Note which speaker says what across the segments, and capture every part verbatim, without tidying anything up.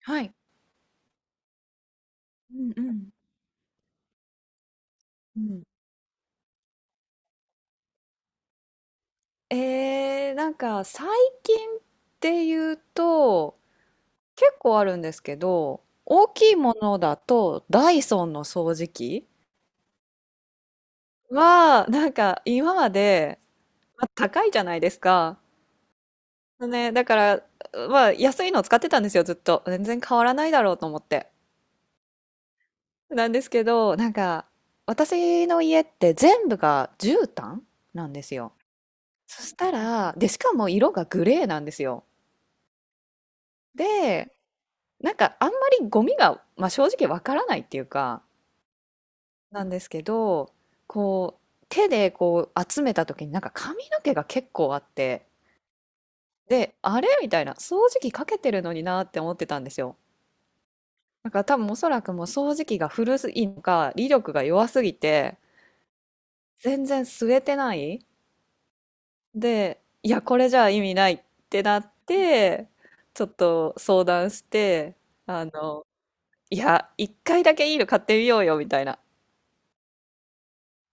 Speaker 1: はい。うんうん。うん。えー、なんか最近っていうと結構あるんですけど、大きいものだとダイソンの掃除機はなんか今まで、まあ、高いじゃないですか。ね、だからまあ安いのを使ってたんですよ、ずっと全然変わらないだろうと思って。なんですけどなんか私の家って全部が絨毯なんですよ。そしたらでしかも色がグレーなんですよ。で、なんかあんまりゴミが、まあ、正直わからないっていうか、なんですけどこう手でこう集めた時になんか髪の毛が結構あって、であれみたいな、掃除機かけてるのになって思ってたんですよ。だから多分おそらくもう掃除機が古いのか威力が弱すぎて全然吸えてない。でいやこれじゃ意味ないってなって、ちょっと相談して、あのいや一回だけいいの買ってみようよみたいな。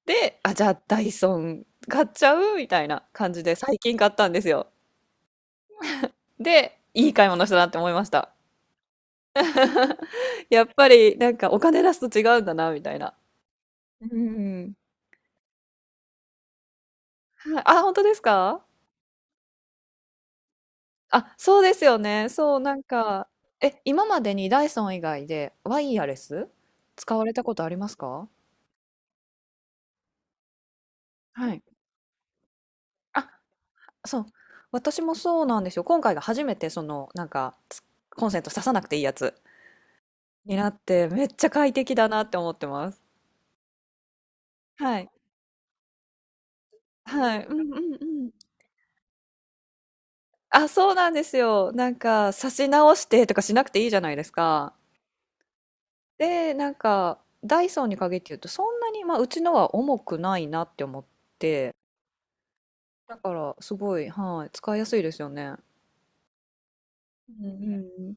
Speaker 1: で、あ、じゃあダイソン買っちゃうみたいな感じで最近買ったんですよ。で、いい買い物したなって思いました。やっぱりなんかお金出すと違うんだな、みたいな。うん。はい、あ、本当ですか？あ、そうですよね。そう、なんか、え、今までにダイソン以外でワイヤレス使われたことありますか？はい。あ、そう。私もそうなんですよ。今回が初めて、その、なんか、コンセント挿さなくていいやつになって、めっちゃ快適だなって思ってます。はい。はい。うんうんうん。あ、そうなんですよ。なんか、差し直してとかしなくていいじゃないですか。で、なんか、ダイソンに限って言うと、そんなに、まあ、うちのは重くないなって思って、だから、すごい、はい、使いやすいですよね。うんうんうん。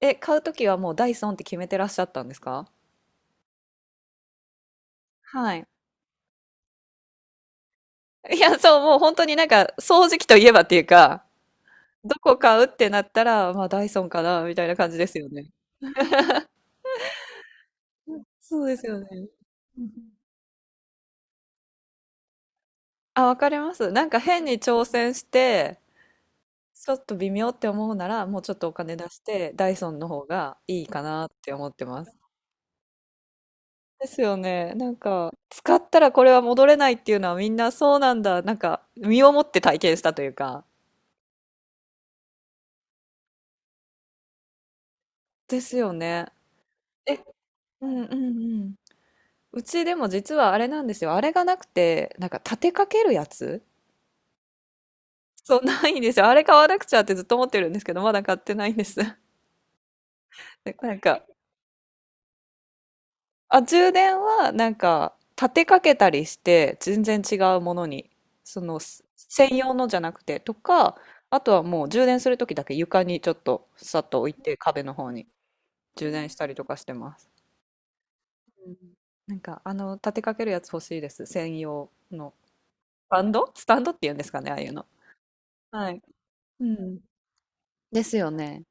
Speaker 1: え、買うときはもうダイソンって決めてらっしゃったんですか？はい。いや、そう、もう本当になんか、掃除機といえばっていうか、どこ買うってなったら、まあ、ダイソンかな、みたいな感じですよね。うんそうですよね。うん、あ、わかります。なんか変に挑戦して、ちょっと微妙って思うなら、もうちょっとお金出して、ダイソンの方がいいかなって思ってます。ですよね。なんか、使ったらこれは戻れないっていうのはみんなそうなんだ。なんか、身をもって体験したというか。ですよね。え、うんうんうん。うちでも実はあれなんですよ。あれがなくて、なんか立てかけるやつ。そう、ないんですよ。あれ買わなくちゃってずっと思ってるんですけど、まだ買ってないんです。なんか、あ、充電はなんか立てかけたりして全然違うものに、そのす専用のじゃなくてとか、あとはもう充電する時だけ床にちょっとさっと置いて壁の方に充電したりとかしてます。うん、なんかあの立てかけるやつ欲しいです。専用のスタンドスタンドって言うんですかね、ああいうの。はい。うん。ですよね。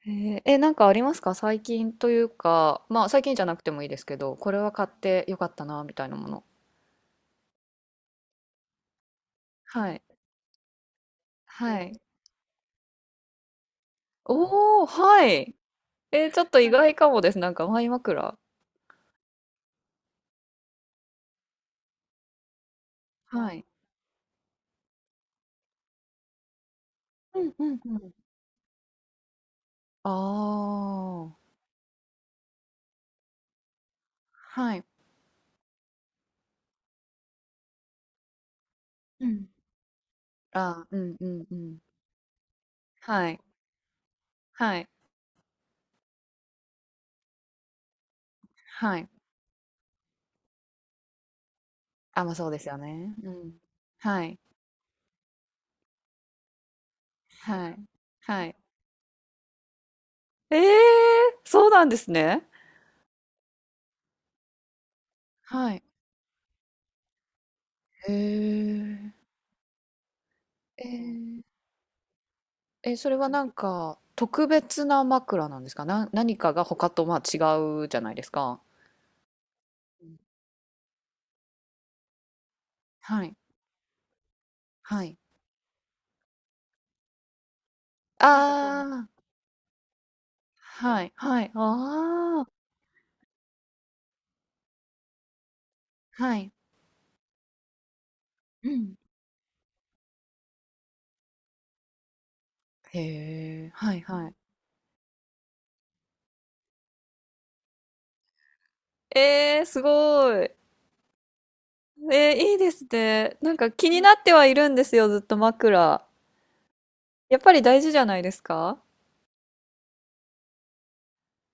Speaker 1: へえ、え、なんかありますか最近、というか、まあ最近じゃなくてもいいですけど、これは買ってよかったなみたいなもの。はい。はい。おお、はい。えー、ちょっと意外かもです。なんかマイ枕。はい。うんうんうん。ああ。はい。うん。ああ、うんうんうん。はい。はい。はい。あ、ま、そうですよね。うん。はい。はい。はい。ええ、そうなんですね。はい。へえ。ええ、え、それはなんか、特別な枕なんですか？な、何かが他と、まあ、違うじゃないですか。うん。はい。はい。ああ。はい、はい、ああ、はい、うん。へえ、はい、はい。えー、すごい。えー、いいですね。なんか気になってはいるんですよ、ずっと枕。やっぱり大事じゃないですか？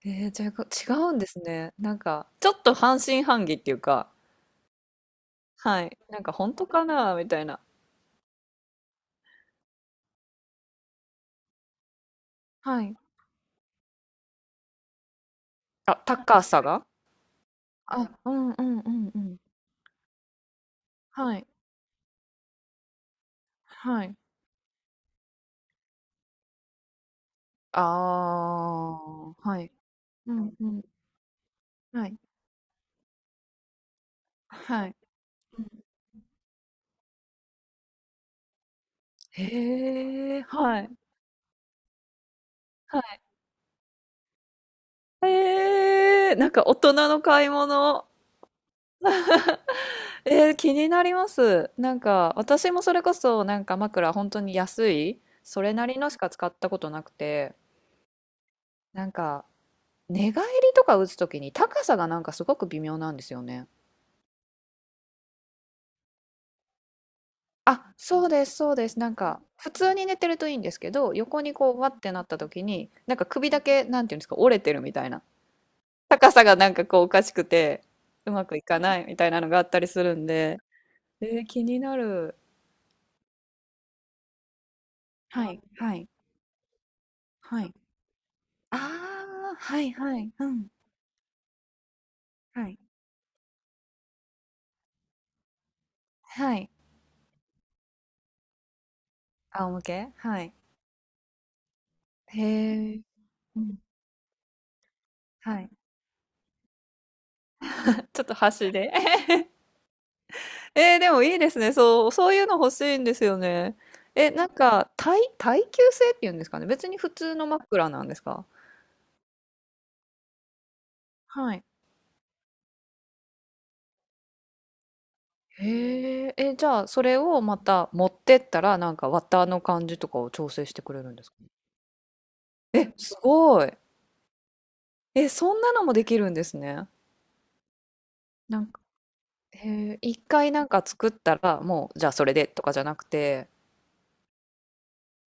Speaker 1: えー、じゃあ違うんですね。なんか、ちょっと半信半疑っていうか、はい。なんか本当かなみたいな。はい。あ、高さが。あ、うんうんうんうん。はい。はい。ああ、はい。うんうん。はい。はい。へえ、はい、はい。ええ、なんか大人の買い物。えー、気になります。なんか私もそれこそなんか枕本当に安い、それなりのしか使ったことなくて、なんか寝返りとか打つときに高さがなんかすごく微妙なんですよね。あ、そうです、そうです。なんか普通に寝てるといいんですけど、横にこうわってなったときに、なんか首だけなんていうんですか、折れてるみたいな。高さがなんかこうおかしくて、うまくいかないみたいなのがあったりするんで。えー、気になる。はい、はい、はい。ああ、はいはい、うん、はい、はい。仰向けはい。へえ、うん、はい。ちょっと箸で。えー、でもいいですね。そう、そういうの欲しいんですよね。え、なんか、耐、耐久性っていうんですかね。別に普通の枕なんですか？はい。へえ、え、じゃあ、それをまた持ってったら、なんか綿の感じとかを調整してくれるんですか？え、すごい。え、そんなのもできるんですね。へえ、一回なんか作ったら、もう、じゃあそれでとかじゃなくて、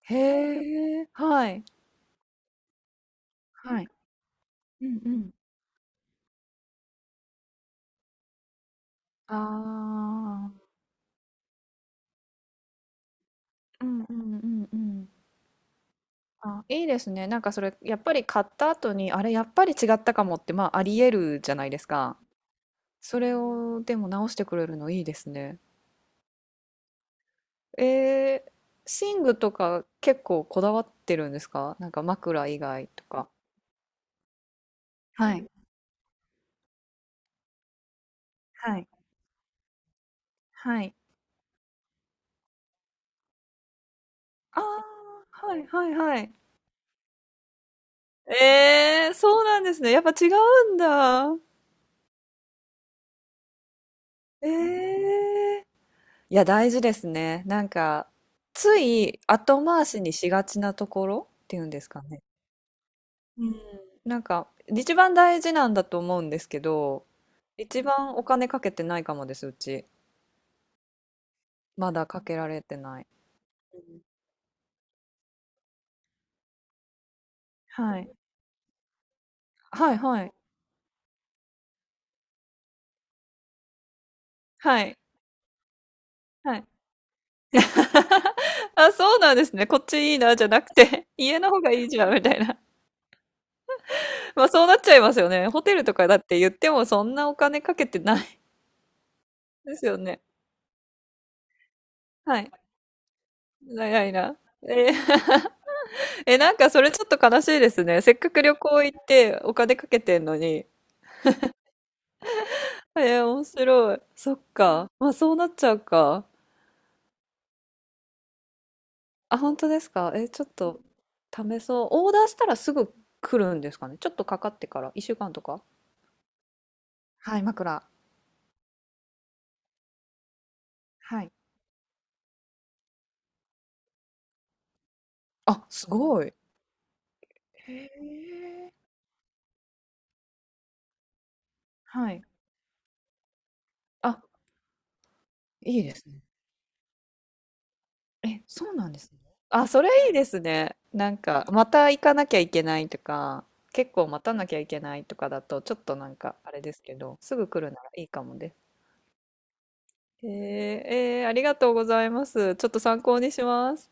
Speaker 1: へえ、はい、はい。うんうん。ああ。うんうんうんうん。あ、いいですね。なんかそれ、やっぱり買った後に、あれ、やっぱり違ったかもって、まあ、あり得るじゃないですか。それを、でも直してくれるのいいですね。えー、寝具とか結構こだわってるんですか、なんか枕以外とか。はい。はい。はい。ああ、はいはいはい。ええ、そうなんですね。やっぱ違うんだ。ええ。いや、大事ですね。なんか、つい後回しにしがちなところっていうんですかね。うん。なんか、一番大事なんだと思うんですけど、一番お金かけてないかもです、うち。まだかけられてない。うん。はい。はいはい。はい。はい。あ、そうなんですね。こっちいいなじゃなくて、家の方がいいじゃんみたいな。まあそうなっちゃいますよね。ホテルとかだって言ってもそんなお金かけてないですよね。はい。ないないな。えー え、なんかそれちょっと悲しいですね。せっかく旅行行ってお金かけてんのに。えー、面白い。そっか。まあそうなっちゃうか。あ、本当ですか。えー、ちょっと試そう。オーダーしたらすぐ来るんですかね。ちょっとかかってから。いっしゅうかんとか。はい、枕。はい。あ、すごい。へえ。はい。あ、いいですね。え、そうなんですね。あ、それいいですね。なんか、また行かなきゃいけないとか、結構待たなきゃいけないとかだと、ちょっとなんか、あれですけど、すぐ来るならいいかもです。えー、えーありがとうございます。ちょっと参考にします。